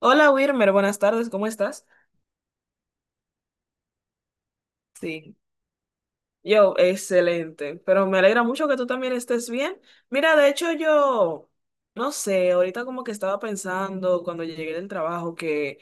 Hola Wilmer, buenas tardes, ¿cómo estás? Sí, yo, excelente, pero me alegra mucho que tú también estés bien. Mira, de hecho yo, no sé, ahorita como que estaba pensando cuando llegué del trabajo que,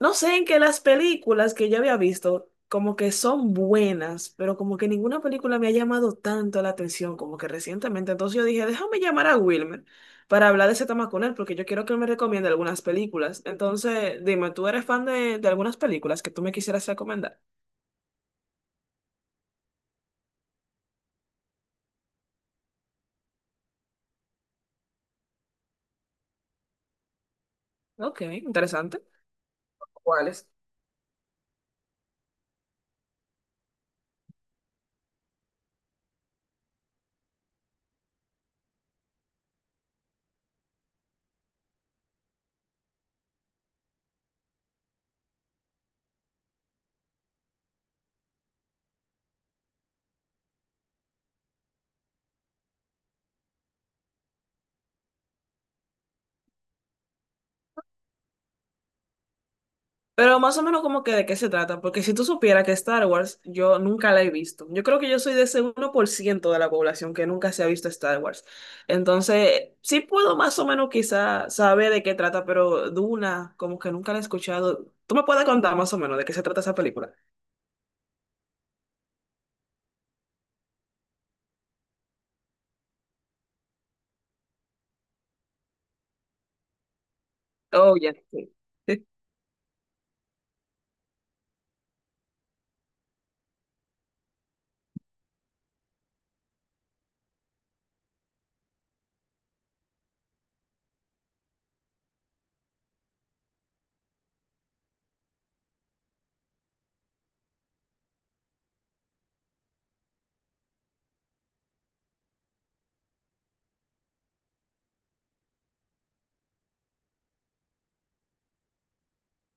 no sé, en que las películas que yo había visto como que son buenas, pero como que ninguna película me ha llamado tanto la atención como que recientemente. Entonces yo dije, déjame llamar a Wilmer para hablar de ese tema con él, porque yo quiero que él me recomiende algunas películas. Entonces, dime, ¿tú eres fan de algunas películas que tú me quisieras recomendar? Ok, interesante. ¿Cuáles? Pero más o menos como que de qué se trata, porque si tú supieras que Star Wars yo nunca la he visto. Yo creo que yo soy de ese 1% de la población que nunca se ha visto Star Wars. Entonces, sí puedo más o menos quizá saber de qué trata, pero Duna como que nunca la he escuchado. ¿Tú me puedes contar más o menos de qué se trata esa película? Oh, ya, sí. Sí.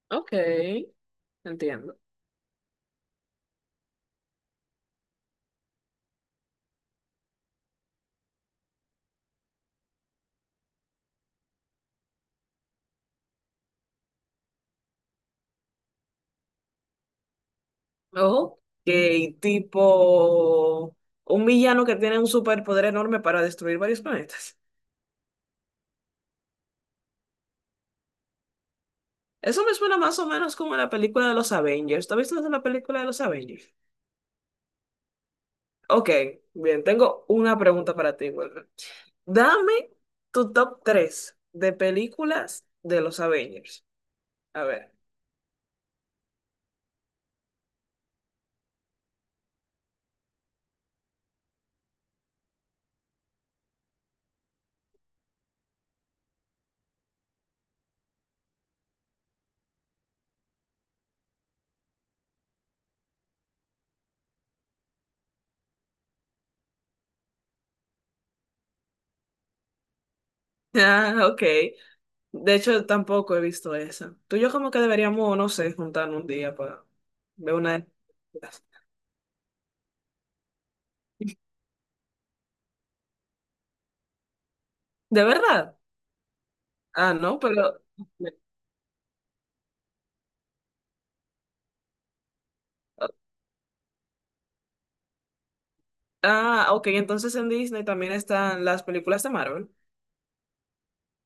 Ok, entiendo. Ok, tipo un villano que tiene un superpoder enorme para destruir varios planetas. Eso me suena más o menos como la película de los Avengers. ¿Tú has visto la película de los Avengers? Ok, bien, tengo una pregunta para ti, Wilmer. Dame tu top 3 de películas de los Avengers. A ver. Ah, ok. De hecho, tampoco he visto esa. Tú y yo como que deberíamos, no sé, juntarnos un día para ver una de esas. ¿De verdad? Ah, no, pero... Ah, ok, entonces en Disney también están las películas de Marvel.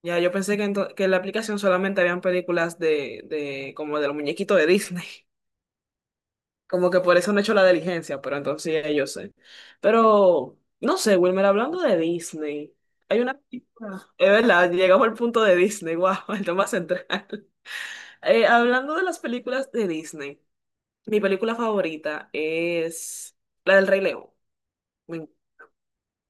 Ya, yo pensé que, que en la aplicación solamente habían películas de como de los muñequitos de Disney. Como que por eso no he hecho la diligencia, pero entonces sí, ya yo sé. Pero, no sé, Wilmer, hablando de Disney, hay una película, es verdad, llegamos al punto de Disney, wow, el tema central. Hablando de las películas de Disney, mi película favorita es la del Rey León.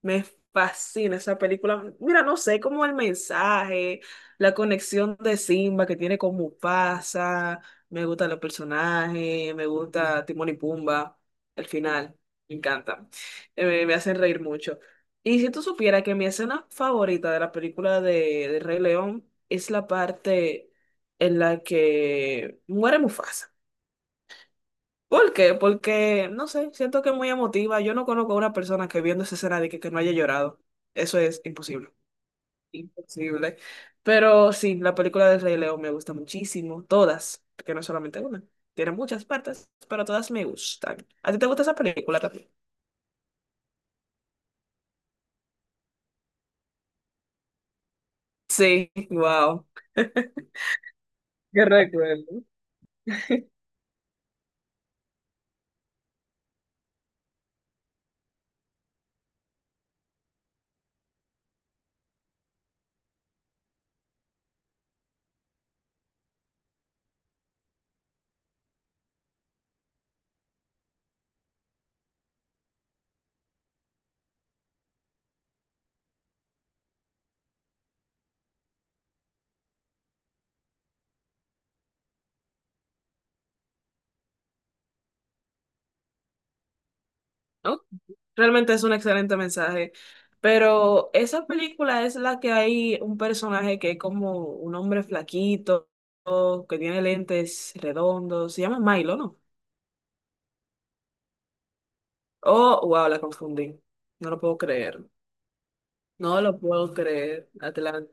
Me fascina esa película. Mira, no sé, como el mensaje, la conexión de Simba que tiene con Mufasa. Me gustan los personajes, me gusta Timón y Pumba. El final, me encanta. Me hacen reír mucho. Y si tú supieras que mi escena favorita de la película de Rey León es la parte en la que muere Mufasa. ¿Por qué? Porque, no sé, siento que es muy emotiva. Yo no conozco a una persona que viendo esa escena que no haya llorado. Eso es imposible. Imposible. Pero sí, la película del Rey León me gusta muchísimo. Todas, porque no es solamente una. Tiene muchas partes, pero todas me gustan. ¿A ti te gusta esa película también? Sí, wow. Qué recuerdo. Realmente es un excelente mensaje. Pero esa película es la que hay un personaje que es como un hombre flaquito, que tiene lentes redondos. Se llama Milo, ¿no? Oh, wow, la confundí. No lo puedo creer. No lo puedo creer, Atlanta.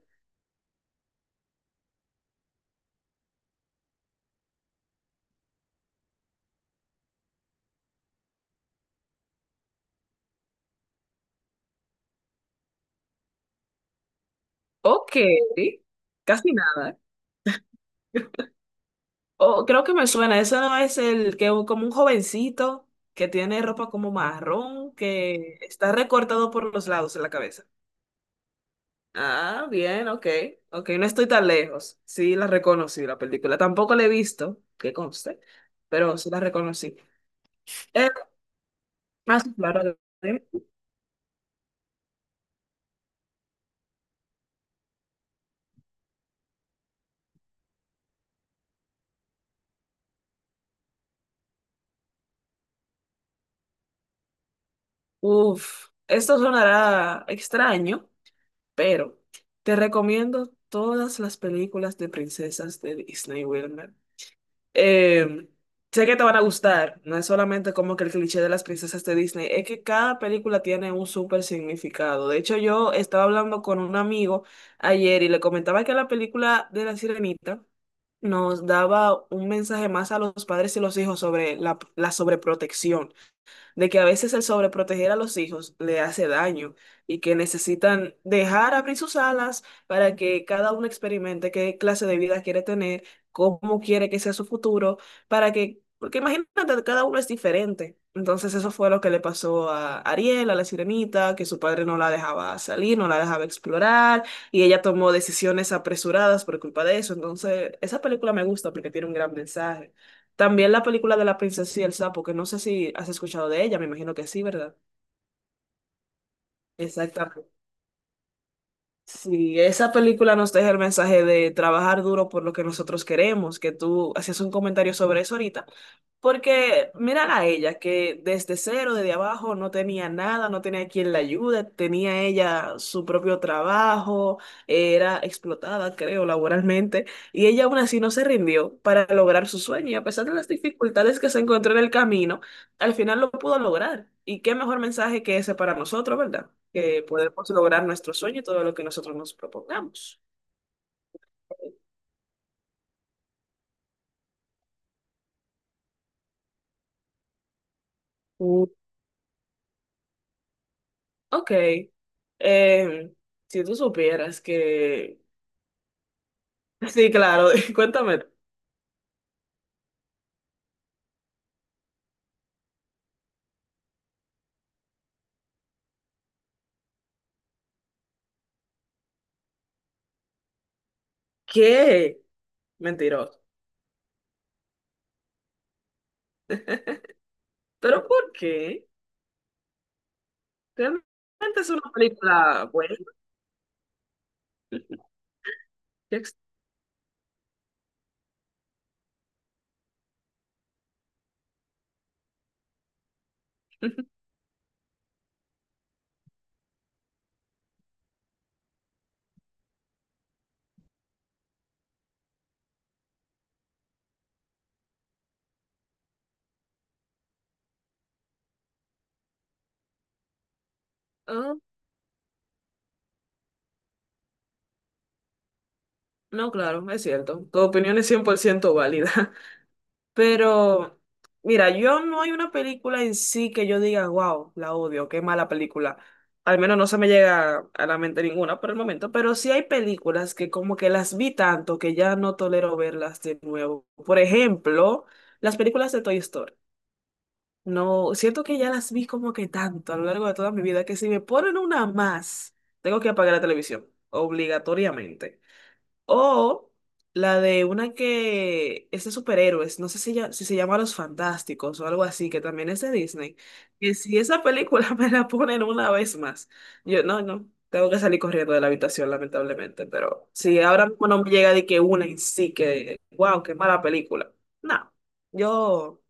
Ok, casi nada, ¿eh? Oh, creo que me suena. Ese no es el que es como un jovencito que tiene ropa como marrón, que está recortado por los lados en la cabeza. Ah, bien, ok, ok, no estoy tan lejos. Sí, la reconocí la película. Tampoco la he visto, que conste, pero sí la reconocí. Eh, más claro, uf, esto sonará extraño, pero te recomiendo todas las películas de princesas de Disney, Wilmer. Eh, sé que te van a gustar. No es solamente como que el cliché de las princesas de Disney, es que cada película tiene un súper significado. De hecho, yo estaba hablando con un amigo ayer y le comentaba que la película de La Sirenita nos daba un mensaje más a los padres y los hijos sobre la sobreprotección, de que a veces el sobreproteger a los hijos le hace daño y que necesitan dejar abrir sus alas para que cada uno experimente qué clase de vida quiere tener, cómo quiere que sea su futuro, para que, porque imagínate, cada uno es diferente. Entonces eso fue lo que le pasó a Ariel, a la sirenita, que su padre no la dejaba salir, no la dejaba explorar y ella tomó decisiones apresuradas por culpa de eso. Entonces, esa película me gusta porque tiene un gran mensaje. También la película de la princesa y el sapo, que no sé si has escuchado de ella, me imagino que sí, ¿verdad? Exactamente. Sí, esa película nos deja el mensaje de trabajar duro por lo que nosotros queremos, que tú hacías un comentario sobre eso ahorita, porque mirar a ella, que desde cero, desde abajo, no tenía nada, no tenía quien la ayude, tenía ella su propio trabajo, era explotada, creo, laboralmente, y ella aún así no se rindió para lograr su sueño, y a pesar de las dificultades que se encontró en el camino al final lo pudo lograr. Y qué mejor mensaje que ese para nosotros, ¿verdad? Que podemos lograr nuestro sueño y todo lo que nosotros nos propongamos. Uh, Ok. Eh, si tú supieras que... Sí, claro, cuéntame. ¿Qué? Mentiroso. ¿Pero por qué? Realmente es una película buena. Qué ex- Ah, no, claro, es cierto. Tu opinión es 100% válida. Pero, mira, yo no hay una película en sí que yo diga, wow, la odio, qué mala película. Al menos no se me llega a la mente ninguna por el momento, pero sí hay películas que como que las vi tanto que ya no tolero verlas de nuevo. Por ejemplo, las películas de Toy Story. No, siento que ya las vi como que tanto a lo largo de toda mi vida que si me ponen una más, tengo que apagar la televisión, obligatoriamente. O la de una que es de superhéroes, no sé si, si se llama Los Fantásticos o algo así, que también es de Disney. Que si esa película me la ponen una vez más, yo no, tengo que salir corriendo de la habitación, lamentablemente. Pero si ahora mismo no me llega de que una en sí, que wow, qué mala película. No, yo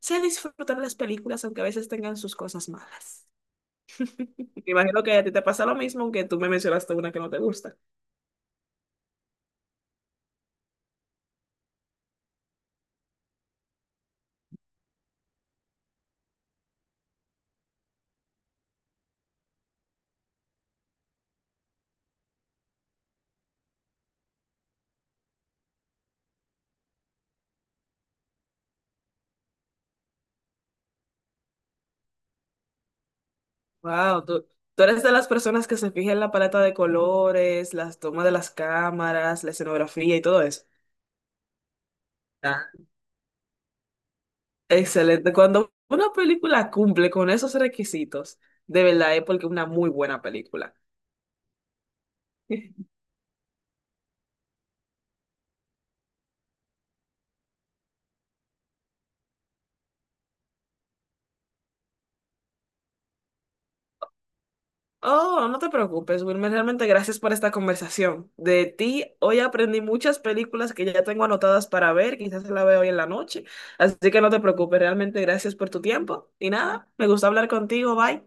sé disfrutar las películas, aunque a veces tengan sus cosas malas. Me imagino que a ti te pasa lo mismo, aunque tú me mencionaste una que no te gusta. Wow, tú eres de las personas que se fija en la paleta de colores, las tomas de las cámaras, la escenografía y todo eso. Ah. Excelente. Cuando una película cumple con esos requisitos, de verdad es porque es una muy buena película. Oh, no te preocupes, Wilmer. Realmente gracias por esta conversación. De ti, hoy aprendí muchas películas que ya tengo anotadas para ver, quizás la veo hoy en la noche. Así que no te preocupes, realmente gracias por tu tiempo. Y nada, me gusta hablar contigo. Bye.